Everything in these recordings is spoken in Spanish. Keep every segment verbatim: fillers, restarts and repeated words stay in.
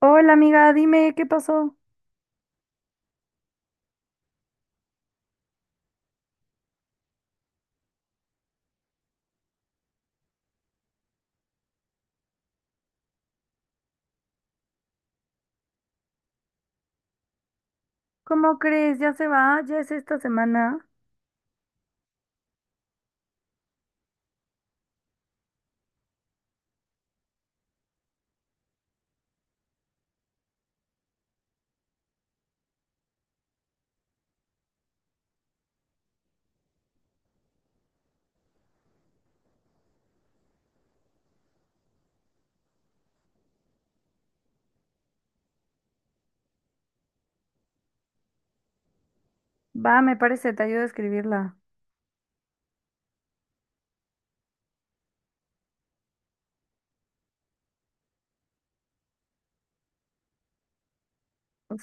Hola amiga, dime, ¿qué pasó? ¿Cómo crees? ¿Ya se va? ¿Ya es esta semana? Va, me parece, te ayudo a escribirla.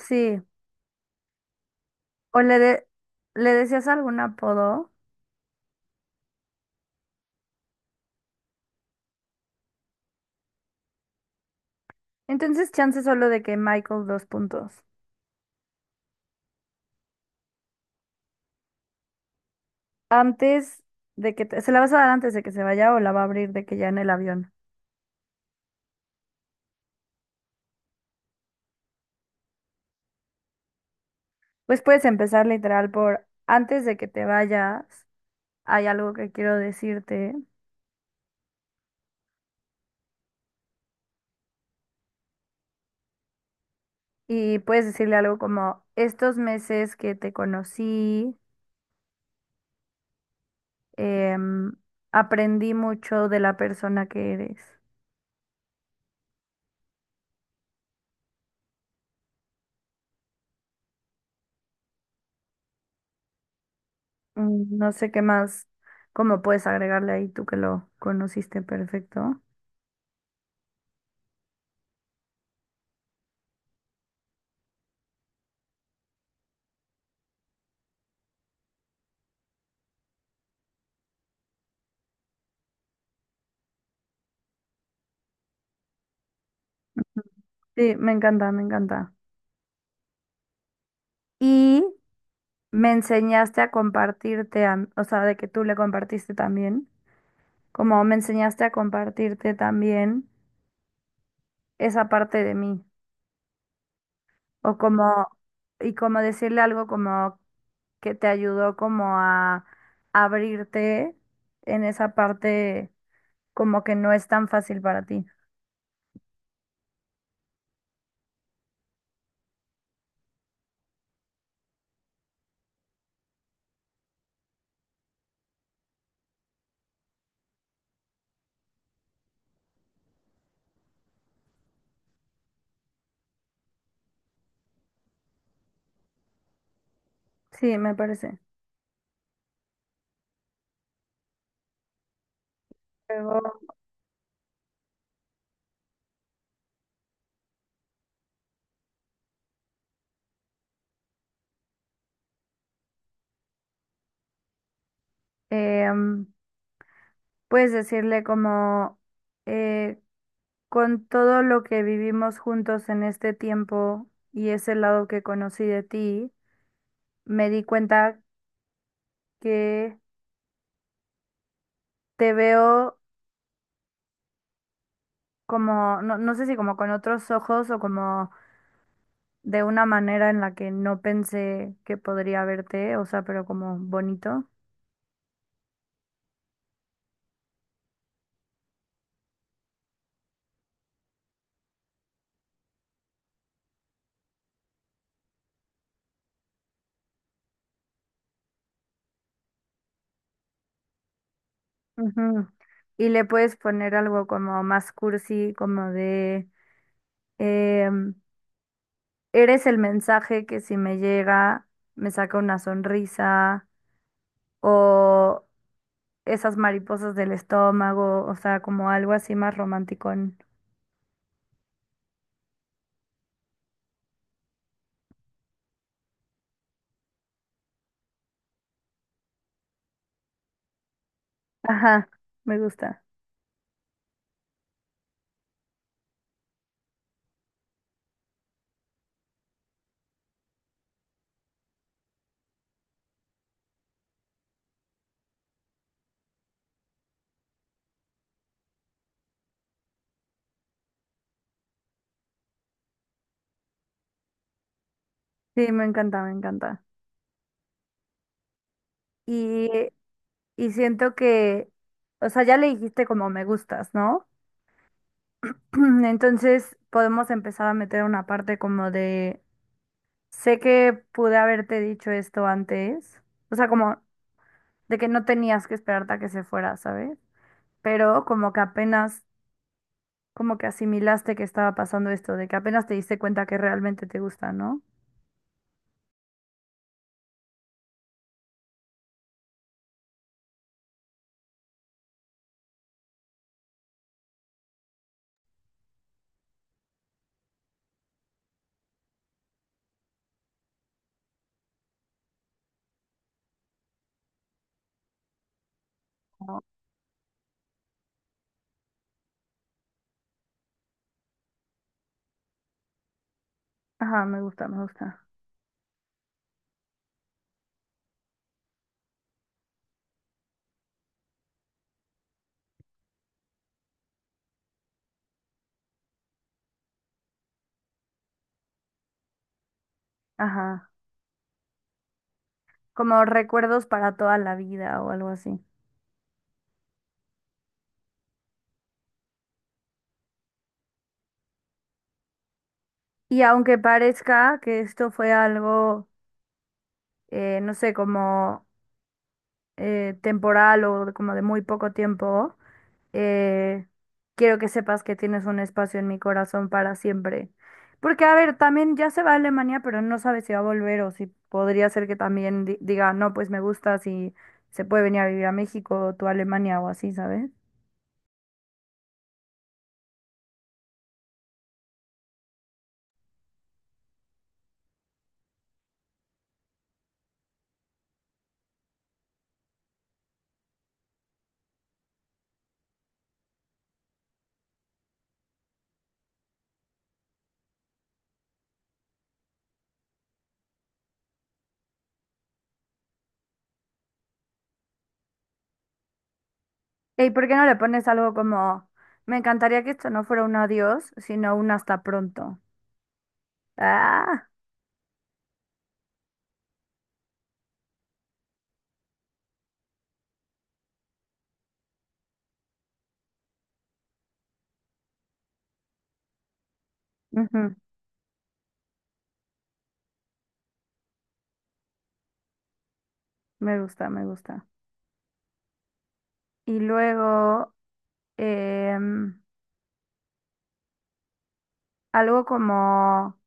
Sí, o le, de- le decías algún apodo. Entonces, chance solo de que Michael dos puntos. Antes de que te- se la vas a dar antes de que se vaya o la va a abrir de que ya en el avión. Pues puedes empezar literal por antes de que te vayas, hay algo que quiero decirte, y puedes decirle algo como estos meses que te conocí. Em, Aprendí mucho de la persona que eres. Mm. No sé qué más, cómo puedes agregarle ahí tú que lo conociste perfecto. Sí, me encanta, me encanta. Y me enseñaste a compartirte, a- o sea, de que tú le compartiste también, como me enseñaste a compartirte también esa parte de mí, o como, y como decirle algo como que te ayudó como a abrirte en esa parte como que no es tan fácil para ti. Sí, me parece. Luego, em, puedes decirle como, eh, con todo lo que vivimos juntos en este tiempo y ese lado que conocí de ti, me di cuenta que te veo como, no, no sé si como con otros ojos o como de una manera en la que no pensé que podría verte, o sea, pero como bonito. Ujú. Y le puedes poner algo como más cursi, como de Em, eres el mensaje que si me llega me saca una sonrisa o esas mariposas del estómago, o sea, como algo así más romántico. Ajá, me gusta. Sí, me encanta, me encanta. Y, y siento que, o sea, ya le dijiste como me gustas, ¿no? Entonces podemos empezar a meter una parte como de, sé que pude haberte dicho esto antes, o sea, como de que no tenías que esperarte a que se fuera, ¿sabes? Pero como que apenas, como que asimilaste que estaba pasando esto, de que apenas te diste cuenta que realmente te gusta, ¿no? Como, ajá, me gusta, me gusta. Ajá. Como recuerdos para toda la vida o algo así. Y aunque parezca que esto fue algo, eh, no sé, como eh, temporal o de- como de muy poco tiempo, eh, quiero que sepas que tienes un espacio en mi corazón para siempre. Porque, a ver, también ya se va a Alemania, pero no sabe si va a volver o si podría ser que también di- diga, no, pues me gusta, si se puede venir a vivir a México o tú a Alemania o así, ¿sabes? ¿Y por qué no le pones algo como, me encantaría que esto no fuera un adiós, sino un hasta pronto? Ah, ujú, me gusta, me gusta. Y luego, em, algo como...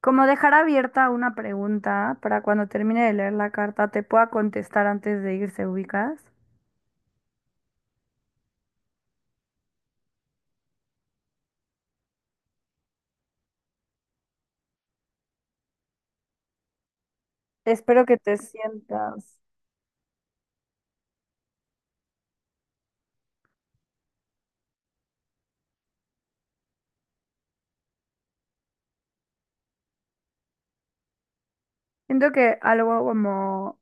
Como dejar abierta una pregunta para cuando termine de leer la carta te pueda contestar antes de irse, ubicas. Espero que te sientas. Siento que algo como,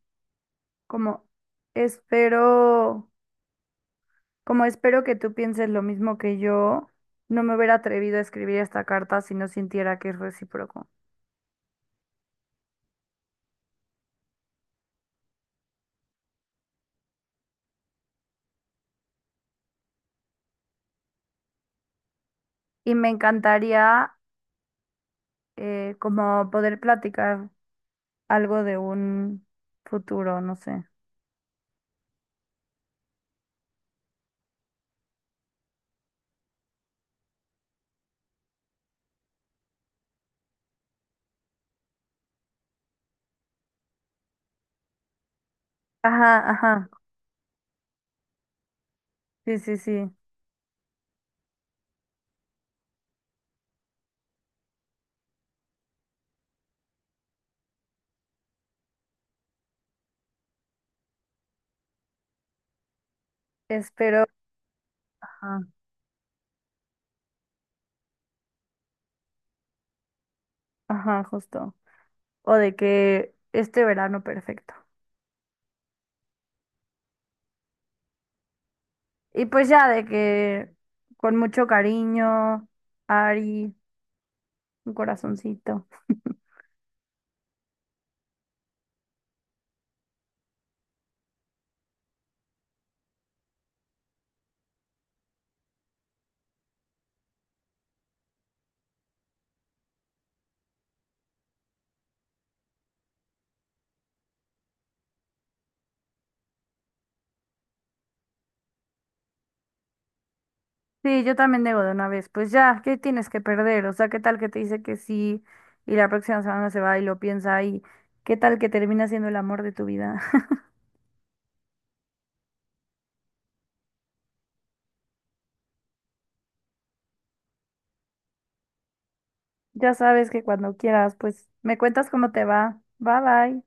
como espero, como espero que tú pienses lo mismo que yo, no me hubiera atrevido a escribir esta carta si no sintiera que es recíproco. Y me encantaría eh, como poder platicar algo de un futuro, no sé. Ajá, ajá, sí, sí, sí. Espero, ajá. Ajá, justo. O de que este verano perfecto. Y pues ya de que con mucho cariño, Ari, un corazoncito. Sí, yo también debo de una vez. Pues ya, ¿qué tienes que perder? O sea, ¿qué tal que te dice que sí y la próxima semana se va y lo piensa y qué tal que termina siendo el amor de tu vida? Ya sabes que cuando quieras, pues me cuentas cómo te va. Bye bye.